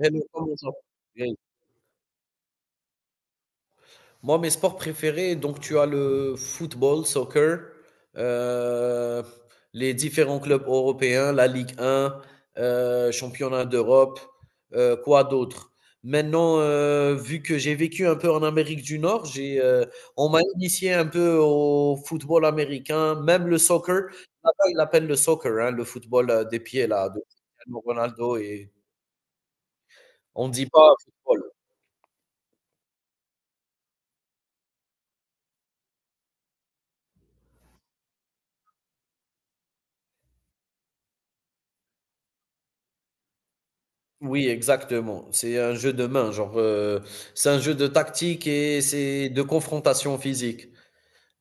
Et nous commençons. Moi, mes sports préférés, donc tu as le football, soccer, euh, les différents clubs européens, la Ligue 1, championnat d'Europe, quoi d'autre? Maintenant, vu que j'ai vécu un peu en Amérique du Nord, on m'a initié un peu au football américain, même le soccer. Là-bas, ils l'appellent le soccer, hein, le football des pieds, là, de Cristiano Ronaldo, et on ne dit pas football. Oui, exactement. C'est un jeu de main, c'est un jeu de tactique et c'est de confrontation physique.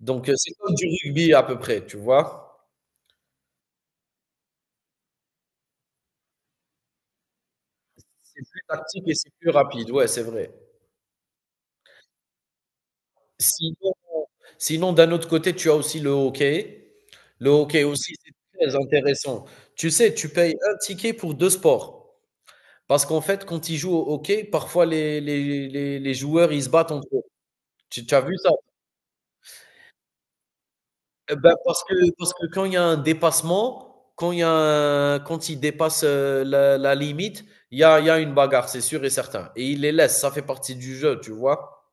Donc, c'est comme du rugby à peu près, tu vois? C'est plus tactique et c'est plus rapide, ouais, c'est vrai. Sinon sinon d'un autre côté, tu as aussi le hockey. Le hockey aussi, c'est très intéressant. Tu sais, tu payes un ticket pour 2 sports. Parce qu'en fait, quand ils jouent au hockey, parfois les joueurs, ils se battent entre eux. Tu as vu ça? Eh ben, parce que quand il y a un dépassement, quand il y a un- quand il dépasse la limite, il y a une bagarre, c'est sûr et certain. Et il les laisse, ça fait partie du jeu, tu vois.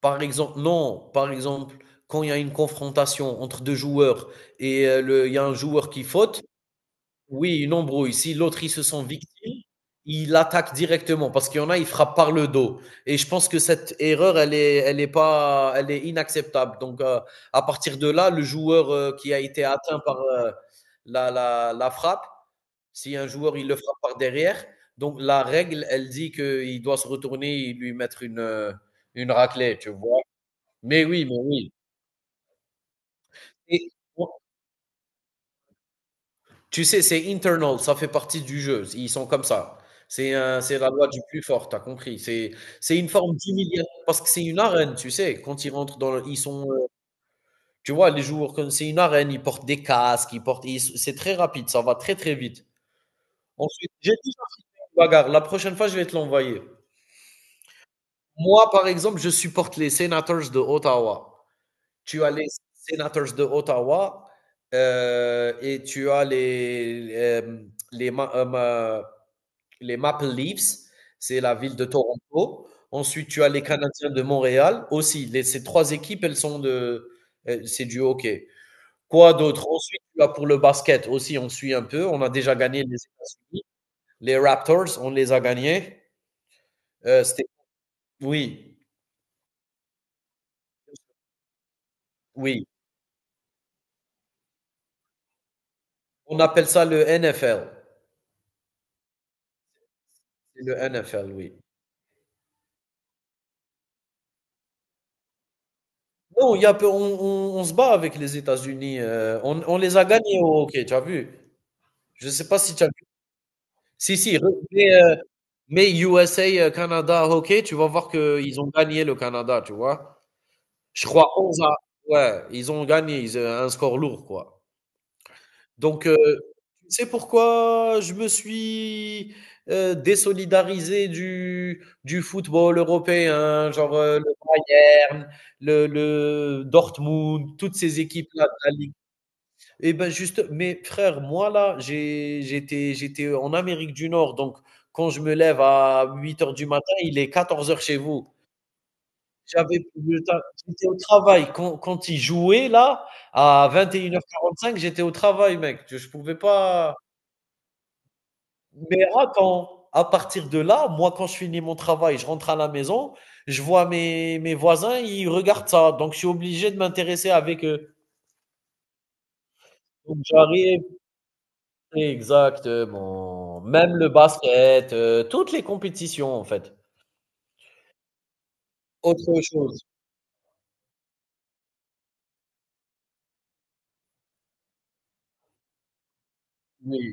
Par exemple, non, par exemple, quand il y a une confrontation entre deux joueurs et il y a un joueur qui faute. Oui, une embrouille. Si l'autre, ils se sent victime, il attaque directement parce qu'il y en a, il frappe par le dos. Et je pense que cette erreur, elle est pas, elle est inacceptable. Donc, à partir de là, le joueur qui a été atteint par la frappe, si un joueur, il le frappe par derrière, donc la règle, elle dit qu'il doit se retourner et lui mettre une raclée, tu vois. Mais oui, mais oui. Et Tu sais, c'est internal, ça fait partie du jeu. Ils sont comme ça. C'est la loi du plus fort, t'as compris. C'est une forme d'humiliation parce que c'est une arène, tu sais. Quand ils rentrent dans le, ils sont, tu vois, les joueurs, quand c'est une arène, ils portent des casques, c'est très rapide, ça va très très vite. Ensuite, j'ai déjà une bagarre. La prochaine fois, je vais te l'envoyer. Moi, par exemple, je supporte les Senators de Ottawa. Tu as les Senators de Ottawa et tu as les les, Ma- euh, Ma- les Maple Leafs, c'est la ville de Toronto. Ensuite, tu as les Canadiens de Montréal aussi. Ces trois équipes, elles sont de. C'est du hockey. Quoi d'autre? Ensuite, tu as pour le basket aussi, on suit un peu. On a déjà gagné les États-Unis. Les Raptors, on les a gagnés. Euh, c'était- oui, oui. On appelle ça le NFL. C'est le NFL, oui. Non, il y a peu- on se bat avec les États-Unis. On les a gagnés au hockey, tu as vu? Je ne sais pas si tu as vu. Si, si, re- mais USA, Canada hockey, tu vas voir qu'ils ont gagné le Canada, tu vois? Je crois 11 à ouais, ils ont gagné, un score lourd, quoi. Donc, tu pourquoi je me suis, désolidarisé du football européen, le Bayern, le Dortmund, toutes ces équipes-là de la ligue. Mais frère, moi là, j'ai- j'étais, j'étais en Amérique du Nord, donc quand je me lève à 8 heures du matin, il est 14 heures chez vous. J'avais plus le temps, j'étais au travail. Quand ils jouaient là, à 21h45 j'étais au travail, mec. Je pouvais pas. Mais attends, à partir de là, moi, quand je finis mon travail, je rentre à la maison, je vois mes voisins, ils regardent ça. Donc, je suis obligé de m'intéresser avec eux. Donc, j'arrive, Exactement. Même le basket, toutes les compétitions, en fait. Autre chose, oui.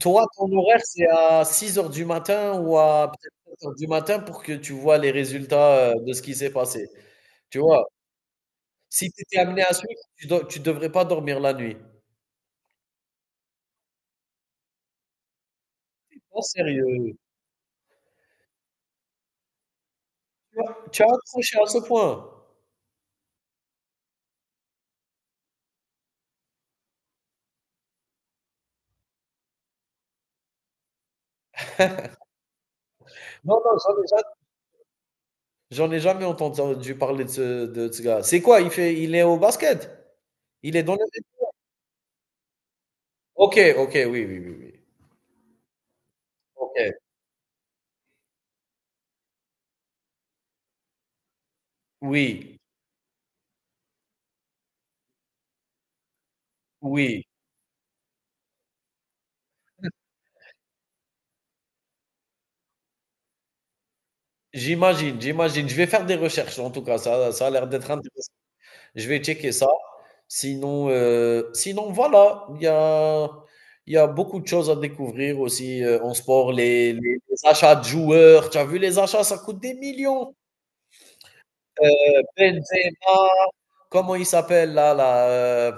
Toi, ton horaire, c'est à 6 heures du matin ou à peut-être 7:00 du matin pour que tu vois les résultats, de ce qui s'est passé, tu vois? Si tu étais amené à suivre, tu devrais pas dormir la nuit. Oh sérieux? Tu as accroché à ce point? Non, non, j'en ai ja J'en ai jamais entendu parler de ce gars. C'est quoi? Il est au basket? Il est dans le OK, OK, oui. OK. Oui, oui, j'imagine, j'imagine. Je vais faire des recherches en tout cas, ça a l'air d'être intéressant. Je vais checker ça. Sinon, voilà, il y a beaucoup de choses à découvrir aussi, en sport. Les Les achats de joueurs, tu as vu les achats, ça coûte des millions. Heu, Benzema, comment il s'appelle là là, heu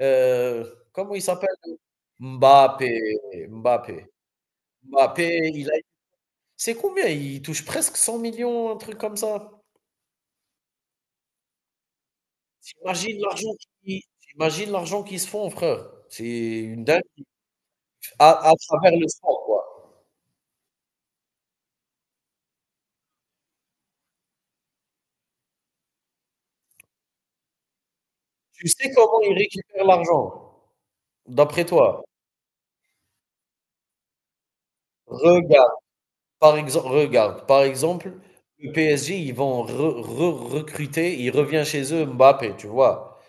comment il s'appelle? Mbappé, Mbappé, Mbappé, il a c'est combien? Il touche presque 100 millions, un truc comme ça? T'imagines l'argent qui T'imagines l'argent qu'ils se font, frère. C'est une dingue. À travers le sport, quoi. Tu sais comment ils récupèrent l'argent, d'après toi? Regarde, Regarde, par exemple, le PSG, ils vont re re recruter, il revient chez eux Mbappé, tu vois?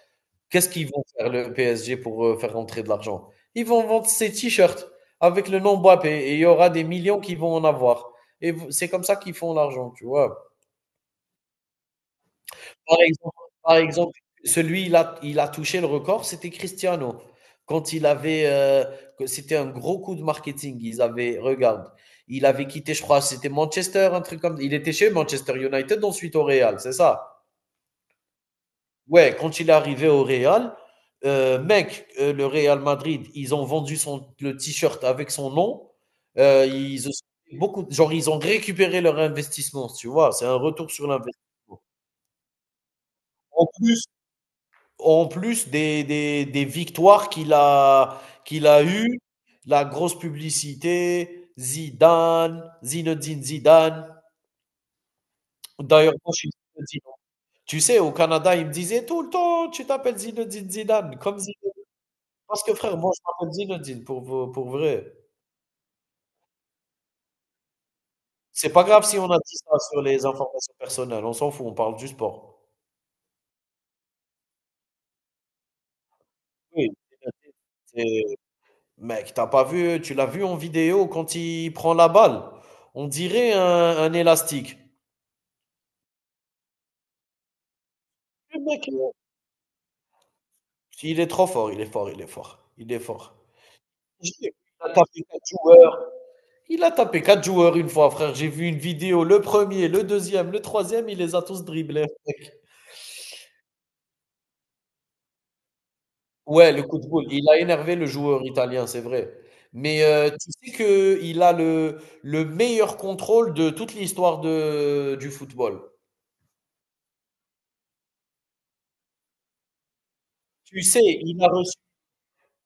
Qu'est-ce qu'ils vont faire le PSG pour, faire rentrer de l'argent? Ils vont vendre ces t-shirts avec le nom Mbappé et il y aura des millions qui vont en avoir et vous c'est comme ça qu'ils font l'argent, tu vois? Par exemple Par exemple, celui il a touché le record, c'était Cristiano. Quand il avait, que c'était un gros coup de marketing, ils avaient regarde, il avait quitté, je crois, c'était Manchester, un truc comme il était chez Manchester United, ensuite au Real, c'est ça? Ouais, quand il est arrivé au Real, mec, le Real Madrid, ils ont vendu son le t-shirt avec son nom, ils ont beaucoup genre, ils ont récupéré leur investissement, tu vois? C'est un retour sur l'investissement. En plus En plus des victoires qu'il a eues, la grosse publicité, Zinedine Zidane. D'ailleurs, moi, je suis Zinedine. Tu sais, au Canada, ils me disaient tout le temps: «Tu t'appelles Zinedine Zidane, comme Zidane». Parce que frère, moi, je m'appelle Zinedine pour vrai. C'est pas grave si on a dit ça sur les informations personnelles, on s'en fout, on parle du sport. Oui, c'est mec, t'as pas vu tu l'as vu en vidéo quand il prend la balle? On dirait un élastique. Le mec, il est Il est trop fort, Il est fort. Il a tapé quatre joueurs. Il a tapé quatre joueurs une fois, frère. J'ai vu une vidéo. Le premier, le deuxième, le troisième, il les a tous dribblés. Ouais, le coup de boule. Il a énervé le joueur italien, c'est vrai. Mais tu sais qu'il a le meilleur contrôle de toute l'histoire du football. Tu sais, il a reçu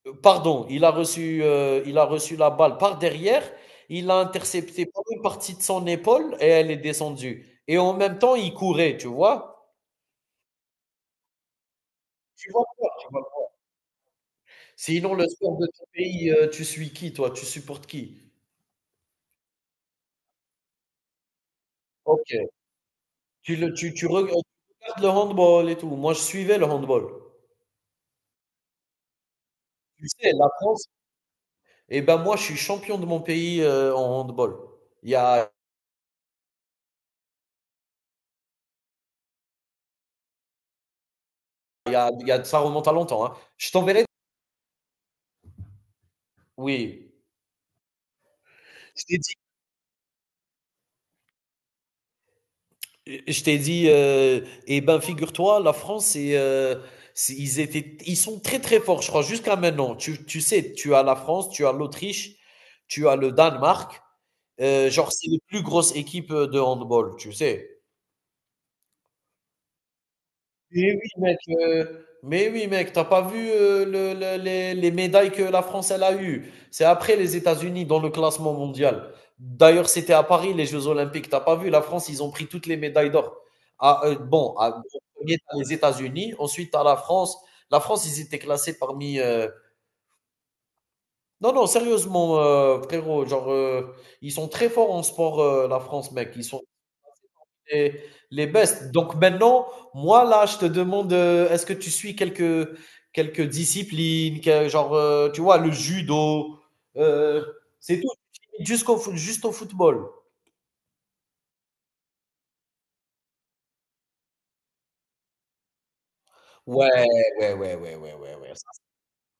Pardon, il a reçu la balle par derrière, il a intercepté par une partie de son épaule et elle est descendue. Et en même temps, il courait, tu vois? Tu vois quoi, tu vois? Sinon, le sport de ton pays, tu suis qui, toi? Tu supportes qui? Ok. Tu, le, tu reg- Tu regardes le handball et tout. Moi, je suivais le handball. Tu sais, la France, eh ben moi, je suis champion de mon pays en handball. Il y a, il y a. Ça remonte à longtemps, hein. Je t'enverrai. Oui. Je t'ai dit. Je t'ai dit, eh ben figure-toi, la France, ils sont très très forts, je crois, jusqu'à maintenant. Tu sais, tu as la France, tu as l'Autriche, tu as le Danemark. Genre, c'est les plus grosses équipes de handball, tu sais. Mais oui, mec, t'as pas vu, le les médailles que la France, elle a eues? C'est après les États-Unis dans le classement mondial. D'ailleurs, c'était à Paris, les jeux olympiques. T'as pas vu, la France, ils ont pris toutes les médailles d'or. Ah, heu, bon, ah, En 1er, les États-Unis, ensuite, tu la France. La France, ils étaient classés parmi, Non, non, sérieusement, frérot, ils sont très forts en sport, la France, mec. Ils sont les, les best. Donc maintenant, moi là, je te demande, est-ce que tu suis quelques disciplines, genre, tu vois, le judo, euh, c'est tout, juste au football. Ouais, ouais, ouais.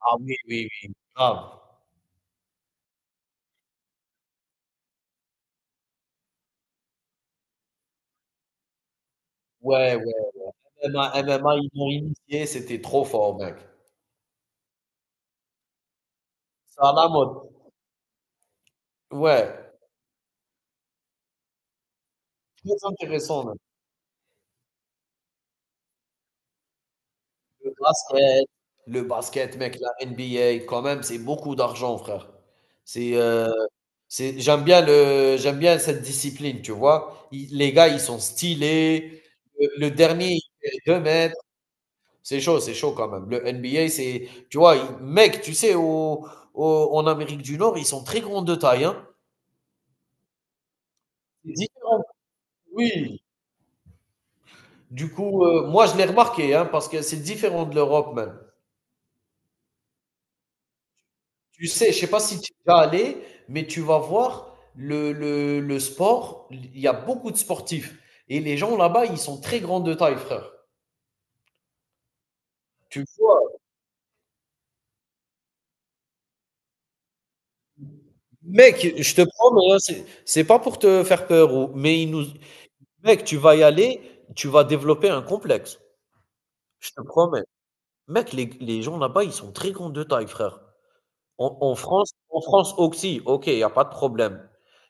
Ah oui, oui, oui, grave. Ouais, ouais. MMA MMA, ils m'ont initié, c'était trop fort, mec. C'est à la mode. Ouais, très intéressant, mec. Le basket, le basket, mec, la N B A quand même, c'est beaucoup d'argent, frère. C'est euh, j'aime bien cette discipline, tu vois. Les gars, ils sont stylés. Le dernier, il fait 2 mètres. C'est chaud quand même. Le NBA, c'est, tu vois, mec, tu sais, en Amérique du Nord, ils sont très grands de taille, hein. C'est différent. Oui. Du coup, moi, je l'ai remarqué, hein, parce que c'est différent de l'Europe même. Tu sais, je sais pas si tu vas aller, mais tu vas voir le sport. Il y a beaucoup de sportifs. Et les gens là-bas, ils sont très grands de taille, frère. Tu vois. Mec, je te promets, hein, c'est pas pour te faire peur ou mais ils nous mec, tu vas y aller, tu vas développer un complexe. Je te promets. Mec, les gens là-bas, ils sont très grands de taille, frère. En France aussi, OK, il y a pas de problème.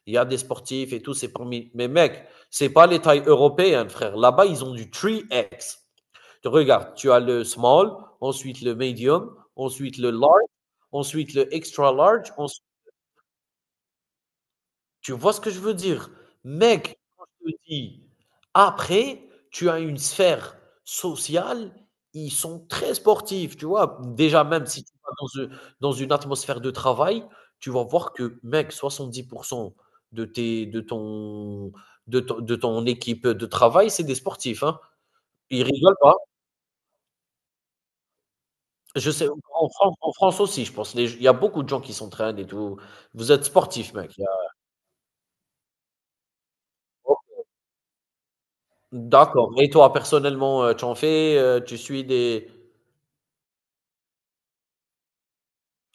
Il y a des sportifs et tout, c'est permis. Mais mec, c'est pas les tailles européennes, frère. Là-bas, ils ont du 3X. Tu regardes, tu as le small, ensuite le medium, ensuite le large, ensuite le extra large, ensuite Tu vois ce que je veux dire? Mec, quand je te dis, après, tu as une sphère sociale, ils sont très sportifs, tu vois? Déjà, même si tu vas dans une atmosphère de travail, tu vas voir que, mec, 70% de tes de ton de ton de ton équipe de travail, c'est des sportifs, hein. Ils rigolent pas. Je sais, en France aussi, je pense, les il y a beaucoup de gens qui s'entraînent et tout. Vous êtes sportifs, mec, il y a D'accord. Et toi, personnellement, tu en fais, tu suis des.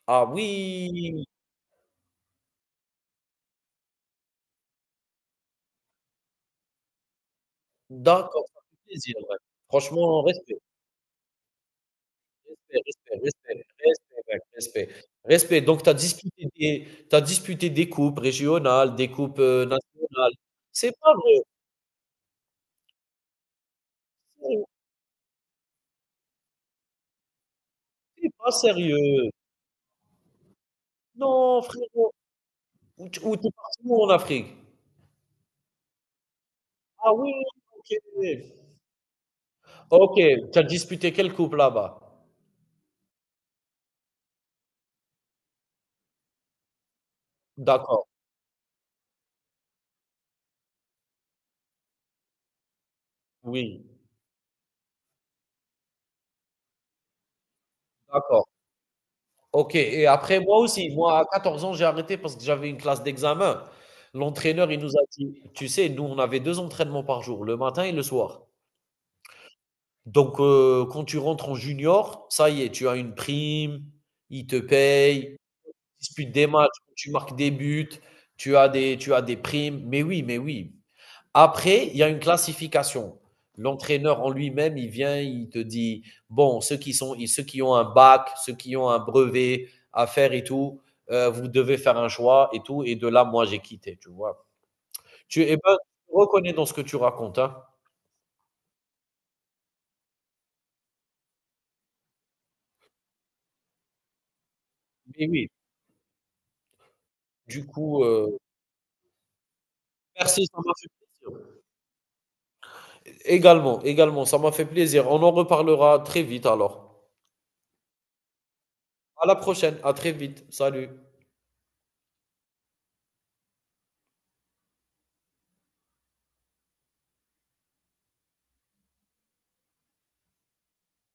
Ah oui! D'accord, ça fait plaisir, ouais. Franchement, respect, respect, respect, respect, respect, mec, respect, respect. Donc tu disputé des coupes régionales, des coupes, nationales. C'est pas vrai, frérot, tu pas sérieux? Non, frérot. Où tu es parti où en Afrique? Ah oui, OK. OK, tu as disputé quelle coupe là-bas? D'accord, oui, d'accord. OK et après moi aussi, moi à 14 ans, j'ai arrêté parce que j'avais une classe d'examen. L'entraîneur, il nous a dit: «Tu sais, nous, on avait 2 entraînements par jour, le matin et le soir. Donc quand tu rentres en junior, ça y est, tu as une prime, il te paye tu disputes des matchs, tu marques des buts, tu as des primes». Mais oui, mais oui. Après, il y a une classification. L'entraîneur en lui-même, il vient, il te dit, bon, ceux qui ont un bac, ceux qui ont un brevet à faire et tout, vous devez faire un choix et tout. Et de là, moi, j'ai quitté, tu vois. Tu eh ben, je reconnais dans ce que tu racontes. Hein. Mais oui, du coup, merci, ça m'a fait plaisir. Également, également, ça m'a fait plaisir. On en reparlera très vite alors. À la prochaine, à très vite. Salut.